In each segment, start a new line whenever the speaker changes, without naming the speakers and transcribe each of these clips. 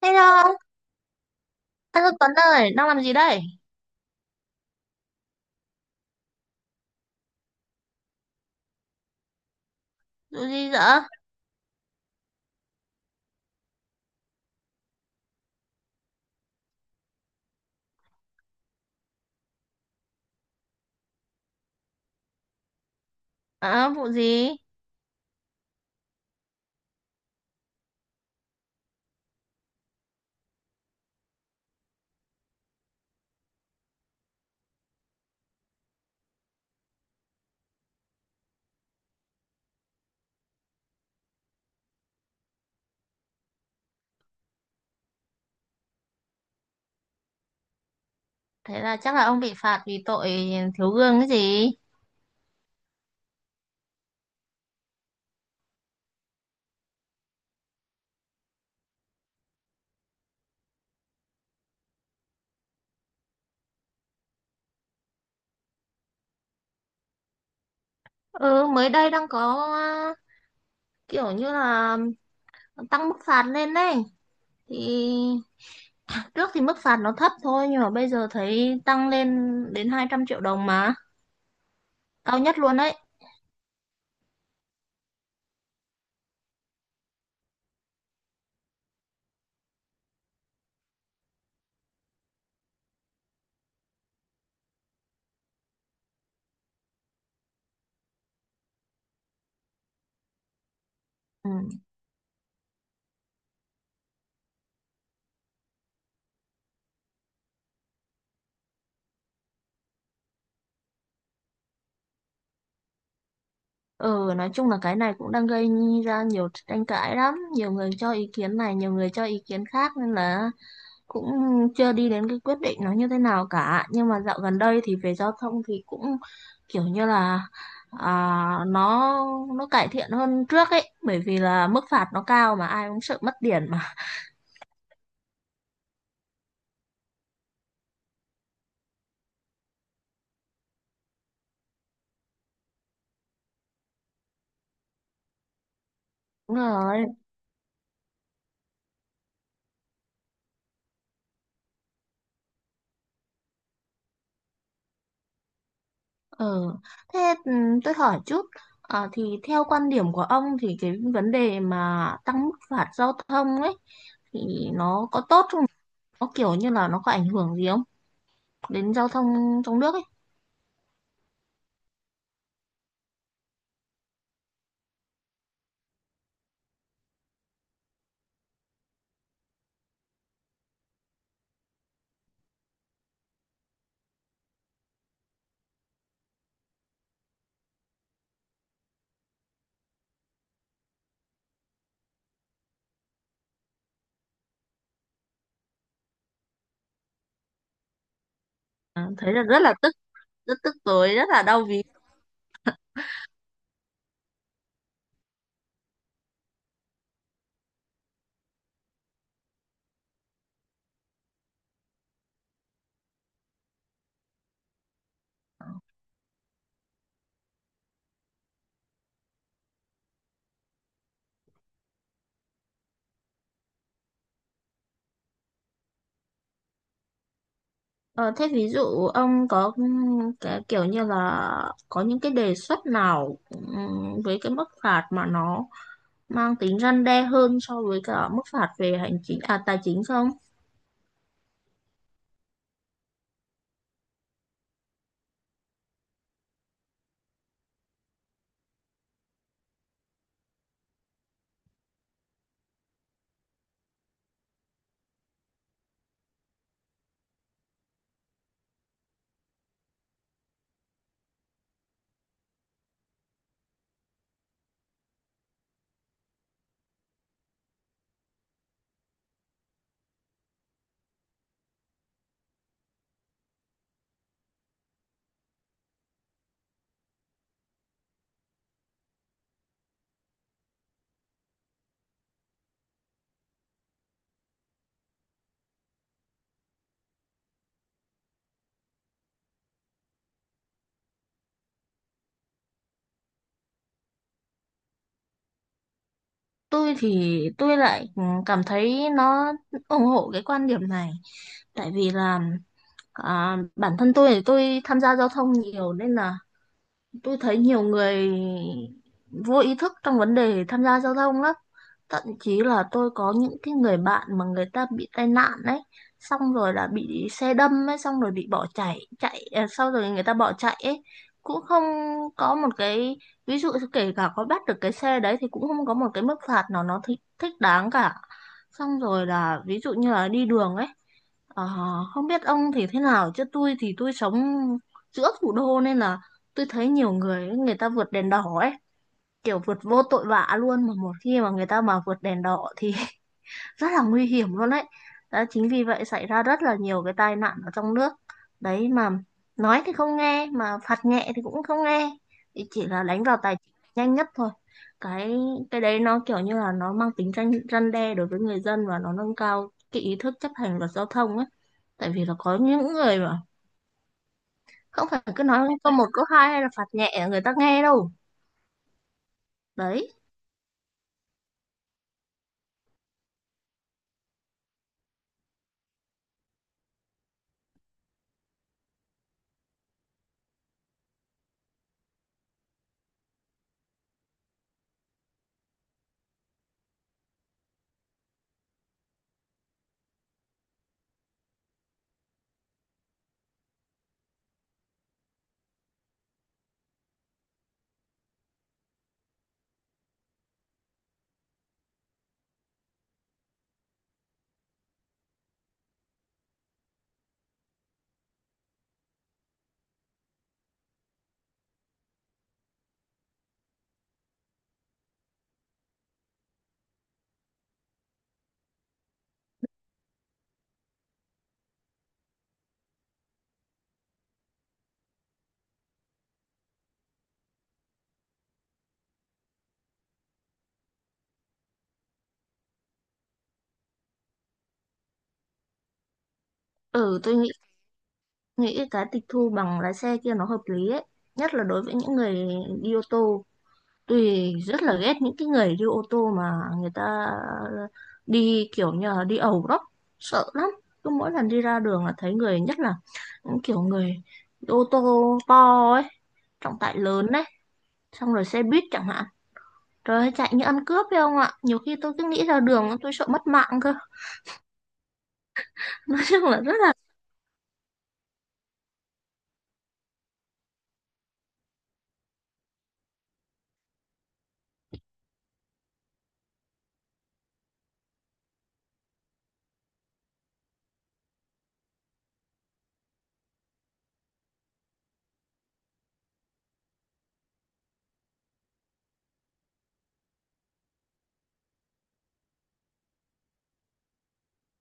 Hello, anh Tuấn ơi, đang làm gì đây? Vụ gì dở? À, vụ gì? Thế là chắc là ông bị phạt vì tội thiếu gương cái gì? Ừ, mới đây đang có, à, kiểu như là tăng mức phạt lên đấy. Thì trước thì mức phạt nó thấp thôi nhưng mà bây giờ thấy tăng lên đến 200 triệu đồng mà, cao nhất luôn đấy. Ừ. Ừ, nói chung là cái này cũng đang gây ra nhiều tranh cãi lắm, nhiều người cho ý kiến này, nhiều người cho ý kiến khác, nên là cũng chưa đi đến cái quyết định nó như thế nào cả. Nhưng mà dạo gần đây thì về giao thông thì cũng kiểu như là, à, nó nó cải thiện hơn trước ấy, bởi vì là mức phạt nó cao mà ai cũng sợ mất tiền mà. Đúng rồi. Ừ. Thế, ừ, tôi hỏi chút. À, thì theo quan điểm của ông thì cái vấn đề mà tăng mức phạt giao thông ấy thì nó có tốt không, nó kiểu như là nó có ảnh hưởng gì không đến giao thông trong nước ấy? À, thấy là rất là tức, rất tức tối, rất là đau ví. Ờ, thế ví dụ ông có, ừ, cái kiểu như là có những cái đề xuất nào, với cái mức phạt mà nó mang tính răn đe hơn so với cả mức phạt về hành chính, à tài chính không? Tôi thì tôi lại, cảm thấy nó ủng hộ cái quan điểm này, tại vì là, à, bản thân tôi thì tôi tham gia giao thông nhiều nên là tôi thấy nhiều người vô ý thức trong vấn đề tham gia giao thông lắm. Thậm chí là tôi có những cái người bạn mà người ta bị tai nạn đấy, xong rồi là bị xe đâm ấy, xong rồi bị bỏ chạy chạy à, sau rồi người ta bỏ chạy ấy, cũng không có một cái, ví dụ kể cả có bắt được cái xe đấy thì cũng không có một cái mức phạt nào nó thích thích đáng cả. Xong rồi là ví dụ như là đi đường ấy. Ờ, không biết ông thì thế nào, chứ tôi thì tôi sống giữa thủ đô nên là tôi thấy nhiều người, người ta vượt đèn đỏ ấy, kiểu vượt vô tội vạ luôn. Mà một khi mà người ta mà vượt đèn đỏ thì rất là nguy hiểm luôn đấy. Đó chính vì vậy xảy ra rất là nhiều cái tai nạn ở trong nước đấy, mà nói thì không nghe, mà phạt nhẹ thì cũng không nghe, thì chỉ là đánh vào tài chính nhanh nhất thôi. Cái cái đấy nó kiểu như là nó mang tính răn răn đe đối với người dân và nó nâng cao cái ý thức chấp hành luật giao thông ấy. Tại vì là có những người mà không phải cứ nói câu một câu hai hay là phạt nhẹ người ta nghe đâu. Đấy, ừ, tôi nghĩ nghĩ cái tịch thu bằng lái xe kia nó hợp lý ấy, nhất là đối với những người đi ô tô. Tôi rất là ghét những cái người đi ô tô mà người ta đi kiểu như là đi ẩu đó, sợ lắm. Cứ mỗi lần đi ra đường là thấy người, nhất là những kiểu người đi ô tô to ấy, trọng tải lớn đấy, xong rồi xe buýt chẳng hạn, rồi chạy như ăn cướp phải không ạ? Nhiều khi tôi cứ nghĩ ra đường tôi sợ mất mạng cơ. Nói chung là rất là...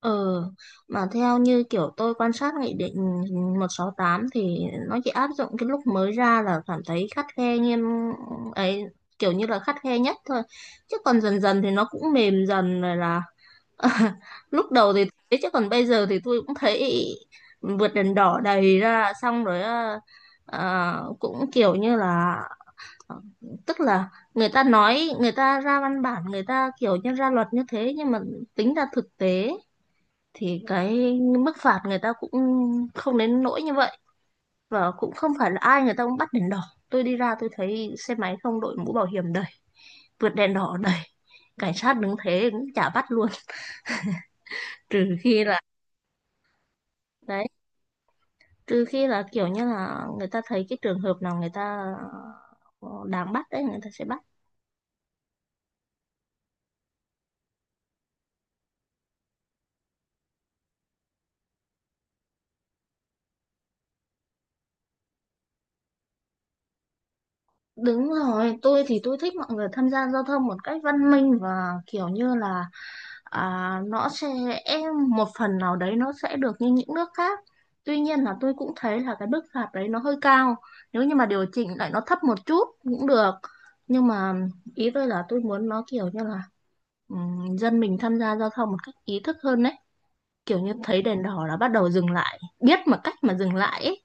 Ừ, mà theo như kiểu tôi quan sát Nghị định 168 thì nó chỉ áp dụng cái lúc mới ra là cảm thấy khắt khe nghiêm ấy, kiểu như là khắt khe nhất thôi. Chứ còn dần dần thì nó cũng mềm dần rồi là. Lúc đầu thì thế chứ còn bây giờ thì tôi cũng thấy vượt đèn đỏ đầy ra, xong rồi cũng kiểu như là, Ờ, tức là người ta nói, người ta ra văn bản, người ta kiểu như ra luật như thế nhưng mà tính ra thực tế thì cái mức phạt người ta cũng không đến nỗi như vậy. Và cũng không phải là ai người ta cũng bắt đèn đỏ. Tôi đi ra tôi thấy xe máy không đội mũ bảo hiểm đầy, vượt đèn đỏ đầy, cảnh sát đứng thế cũng chả bắt luôn. Trừ khi là, đấy, trừ khi là kiểu như là người ta thấy cái trường hợp nào người ta đáng bắt đấy, người ta sẽ bắt. Đúng rồi, tôi thì tôi thích mọi người tham gia giao thông một cách văn minh và kiểu như là, à, nó sẽ một phần nào đấy nó sẽ được như những nước khác. Tuy nhiên là tôi cũng thấy là cái mức phạt đấy nó hơi cao. Nếu như mà điều chỉnh lại nó thấp một chút cũng được. Nhưng mà ý tôi là tôi muốn nó kiểu như là, dân mình tham gia giao thông một cách ý thức hơn đấy. Kiểu như thấy đèn đỏ là bắt đầu dừng lại, biết mà cách mà dừng lại ấy.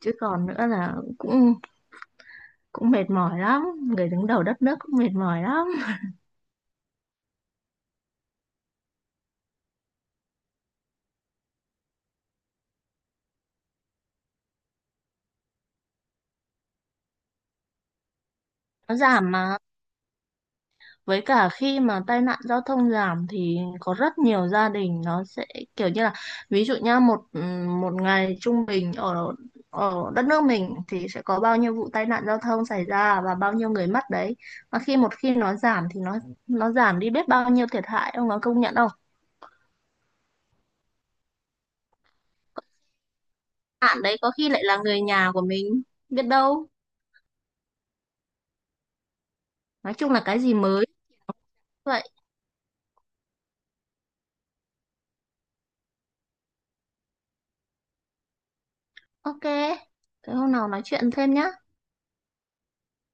Chứ còn nữa là cũng cũng mệt mỏi lắm, người đứng đầu đất nước cũng mệt mỏi lắm. Nó giảm mà. Với cả khi mà tai nạn giao thông giảm thì có rất nhiều gia đình nó sẽ kiểu như là, ví dụ nha, một, ừ, một ngày trung bình ở ở đất nước mình thì sẽ có bao nhiêu vụ tai nạn giao thông xảy ra và bao nhiêu người mất đấy. Mà khi một khi nó giảm thì nó giảm đi biết bao nhiêu thiệt hại, ông có công nhận không? Bạn đấy có khi lại là người nhà của mình, biết đâu. Nói chung là cái gì mới vậy. Ok, thế hôm nào nói chuyện thêm nhá.